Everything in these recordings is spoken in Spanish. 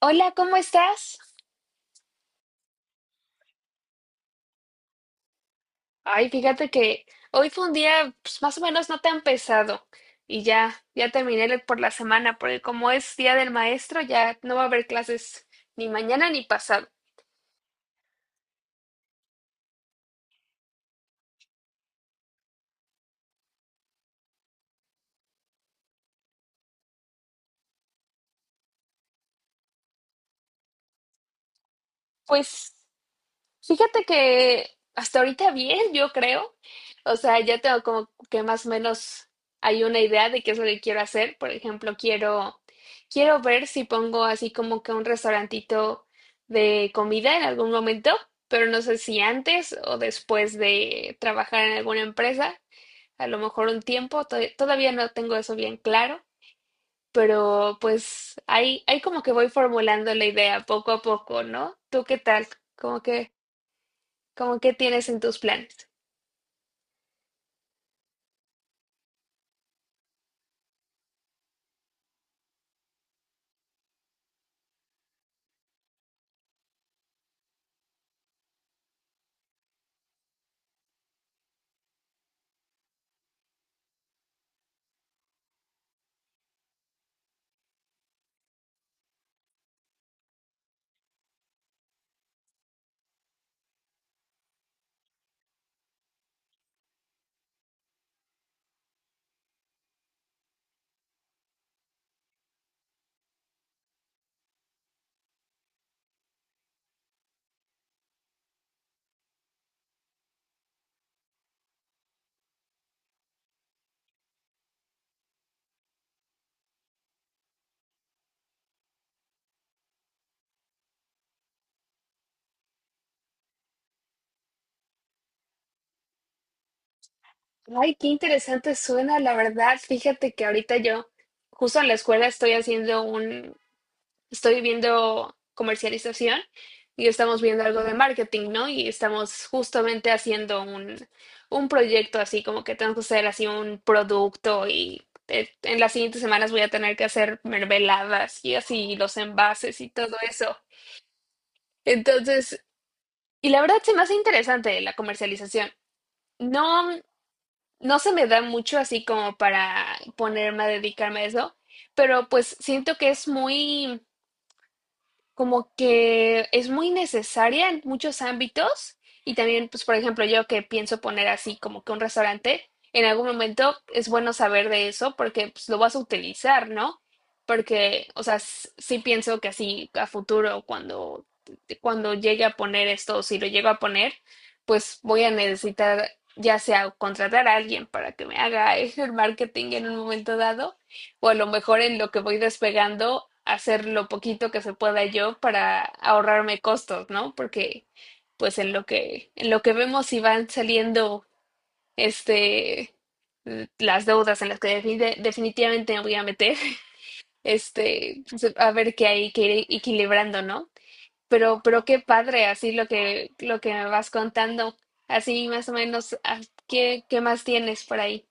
Hola, ¿cómo estás? Ay, fíjate que hoy fue un día, pues, más o menos no tan pesado, y ya terminé la- por la semana, porque como es día del maestro, ya no va a haber clases ni mañana ni pasado. Pues, fíjate que hasta ahorita bien, yo creo. O sea, ya tengo como que más o menos hay una idea de qué es lo que quiero hacer. Por ejemplo, quiero ver si pongo así como que un restaurantito de comida en algún momento, pero no sé si antes o después de trabajar en alguna empresa, a lo mejor un tiempo, todavía no tengo eso bien claro, pero pues ahí como que voy formulando la idea poco a poco, ¿no? ¿Tú qué tal? ¿Cómo que ¿Cómo qué tienes en tus planes? Ay, qué interesante suena, la verdad. Fíjate que ahorita yo, justo en la escuela, estoy viendo comercialización y estamos viendo algo de marketing, ¿no? Y estamos justamente haciendo un proyecto así, como que tenemos que hacer así un producto y en las siguientes semanas voy a tener que hacer mermeladas y así los envases y todo eso. Entonces, Y la verdad se me hace interesante la comercialización. No, no se me da mucho así como para ponerme a dedicarme a eso, pero pues siento que es muy, como que es muy necesaria en muchos ámbitos y también, pues, por ejemplo, yo que pienso poner así como que un restaurante, en algún momento es bueno saber de eso porque, pues, lo vas a utilizar, ¿no? Porque, o sea, sí pienso que así a futuro, cuando llegue a poner esto, o si lo llego a poner, pues voy a necesitar ya sea contratar a alguien para que me haga el marketing en un momento dado o a lo mejor en lo que voy despegando, hacer lo poquito que se pueda yo para ahorrarme costos, ¿no? Porque pues en lo que vemos si van saliendo este las deudas en las que definitivamente me voy a meter, pues, a ver, qué hay que ir equilibrando, ¿no? Pero qué padre, así lo que me vas contando, así más o menos, ah, ¿qué, qué más tienes por ahí?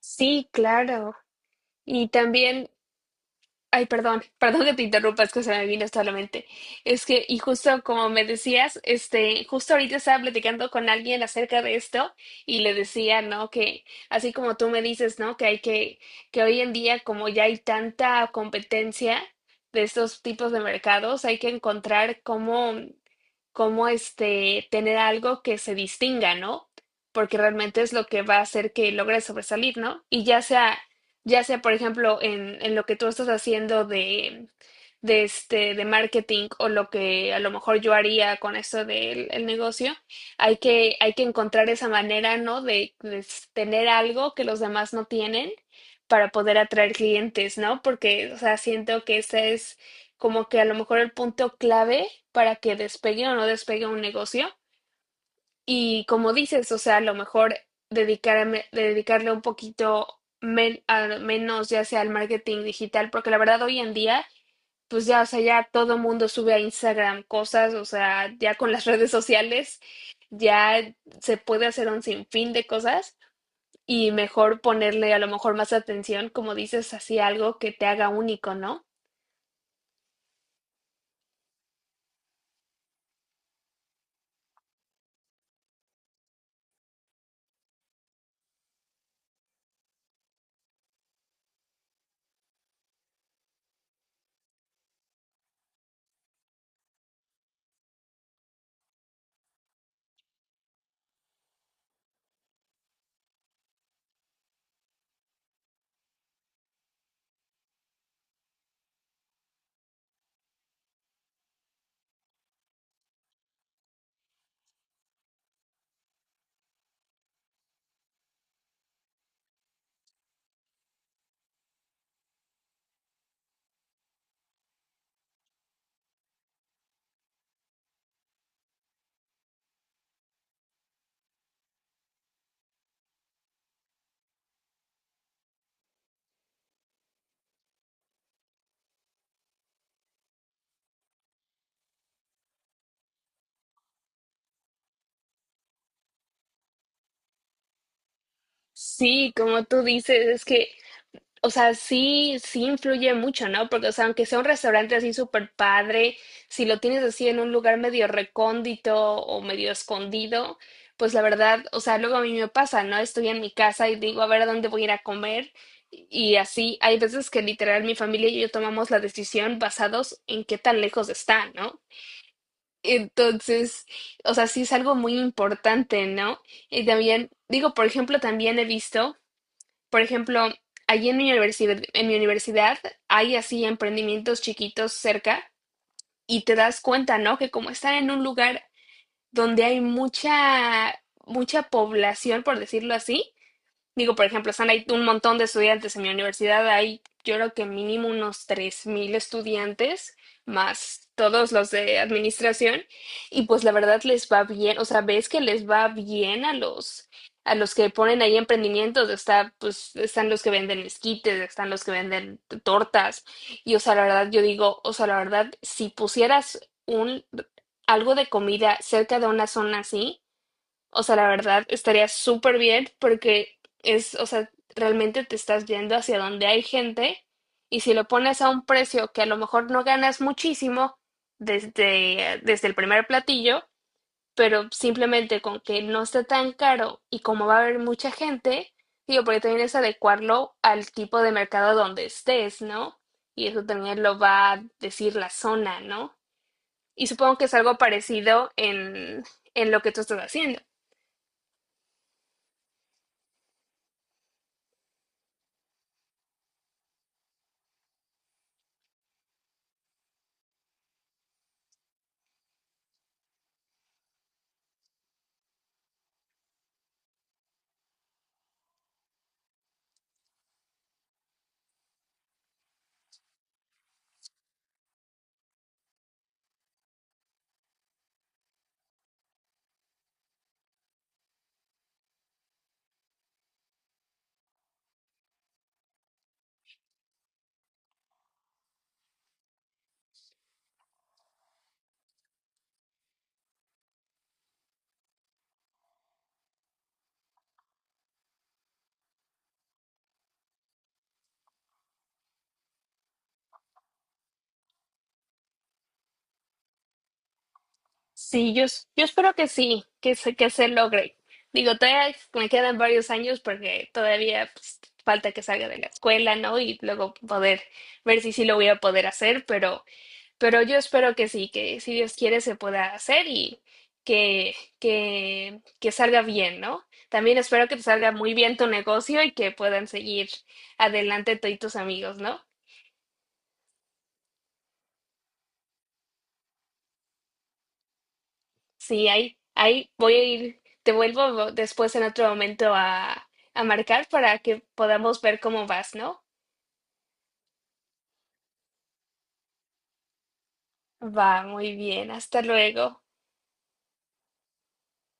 Sí, claro. Y también, ay, perdón, perdón que te interrumpa, es que se me vino esto a la mente. Es que, y justo como me decías, justo ahorita estaba platicando con alguien acerca de esto y le decía, ¿no? Que así como tú me dices, ¿no? Que hay que hoy en día, como ya hay tanta competencia de estos tipos de mercados, hay que encontrar cómo, cómo tener algo que se distinga, ¿no? Porque realmente es lo que va a hacer que logres sobresalir, ¿no? Ya sea, por ejemplo, en lo que tú estás haciendo de, de marketing, o lo que a lo mejor yo haría con esto del el negocio, hay que encontrar esa manera, ¿no? De, tener algo que los demás no tienen para poder atraer clientes, ¿no? Porque, o sea, siento que ese es como que a lo mejor el punto clave para que despegue o no despegue un negocio. Y como dices, o sea, a lo mejor dedicarle un poquito menos ya sea al marketing digital, porque la verdad hoy en día, pues ya, o sea, ya todo mundo sube a Instagram cosas, o sea, ya con las redes sociales ya se puede hacer un sinfín de cosas y mejor ponerle a lo mejor más atención, como dices, así algo que te haga único, ¿no? Sí, como tú dices, es que, o sea, sí, sí influye mucho, ¿no? Porque, o sea, aunque sea un restaurante así súper padre, si lo tienes así en un lugar medio recóndito o medio escondido, pues la verdad, o sea, luego a mí me pasa, ¿no? Estoy en mi casa y digo, a ver, ¿a dónde voy a ir a comer? Y así, hay veces que literal mi familia y yo tomamos la decisión basados en qué tan lejos está, ¿no? Entonces, o sea, sí es algo muy importante, ¿no? Y también, digo, por ejemplo, también he visto, por ejemplo, allí en mi universidad hay así emprendimientos chiquitos cerca y te das cuenta, ¿no? Que como están en un lugar donde hay mucha, mucha población, por decirlo así. Digo, por ejemplo, están ahí un montón de estudiantes en mi universidad, hay, yo creo que mínimo, unos 3000 estudiantes, más todos los de administración, y pues la verdad les va bien, o sea, ves que les va bien a los que ponen ahí emprendimientos, está, pues, están los que venden esquites, están los que venden tortas, y, o sea, la verdad yo digo, o sea, la verdad, si pusieras un, algo de comida cerca de una zona así, o sea, la verdad estaría súper bien porque es, o sea, realmente te estás yendo hacia donde hay gente. Y si lo pones a un precio que a lo mejor no ganas muchísimo desde, desde el primer platillo, pero simplemente con que no esté tan caro, y como va a haber mucha gente, digo, porque también es adecuarlo al tipo de mercado donde estés, ¿no? Y eso también lo va a decir la zona, ¿no? Y supongo que es algo parecido en lo que tú estás haciendo. Sí, yo, yo espero que sí, que se logre. Digo, todavía me quedan varios años porque todavía, pues, falta que salga de la escuela, ¿no? Y luego poder ver si sí lo voy a poder hacer, pero yo espero que sí, que si Dios quiere se pueda hacer y que salga bien, ¿no? También espero que te salga muy bien tu negocio y que puedan seguir adelante tú y tus amigos, ¿no? Sí, ahí voy a ir, te vuelvo después en otro momento a marcar para que podamos ver cómo vas, ¿no? Va, muy bien, hasta luego.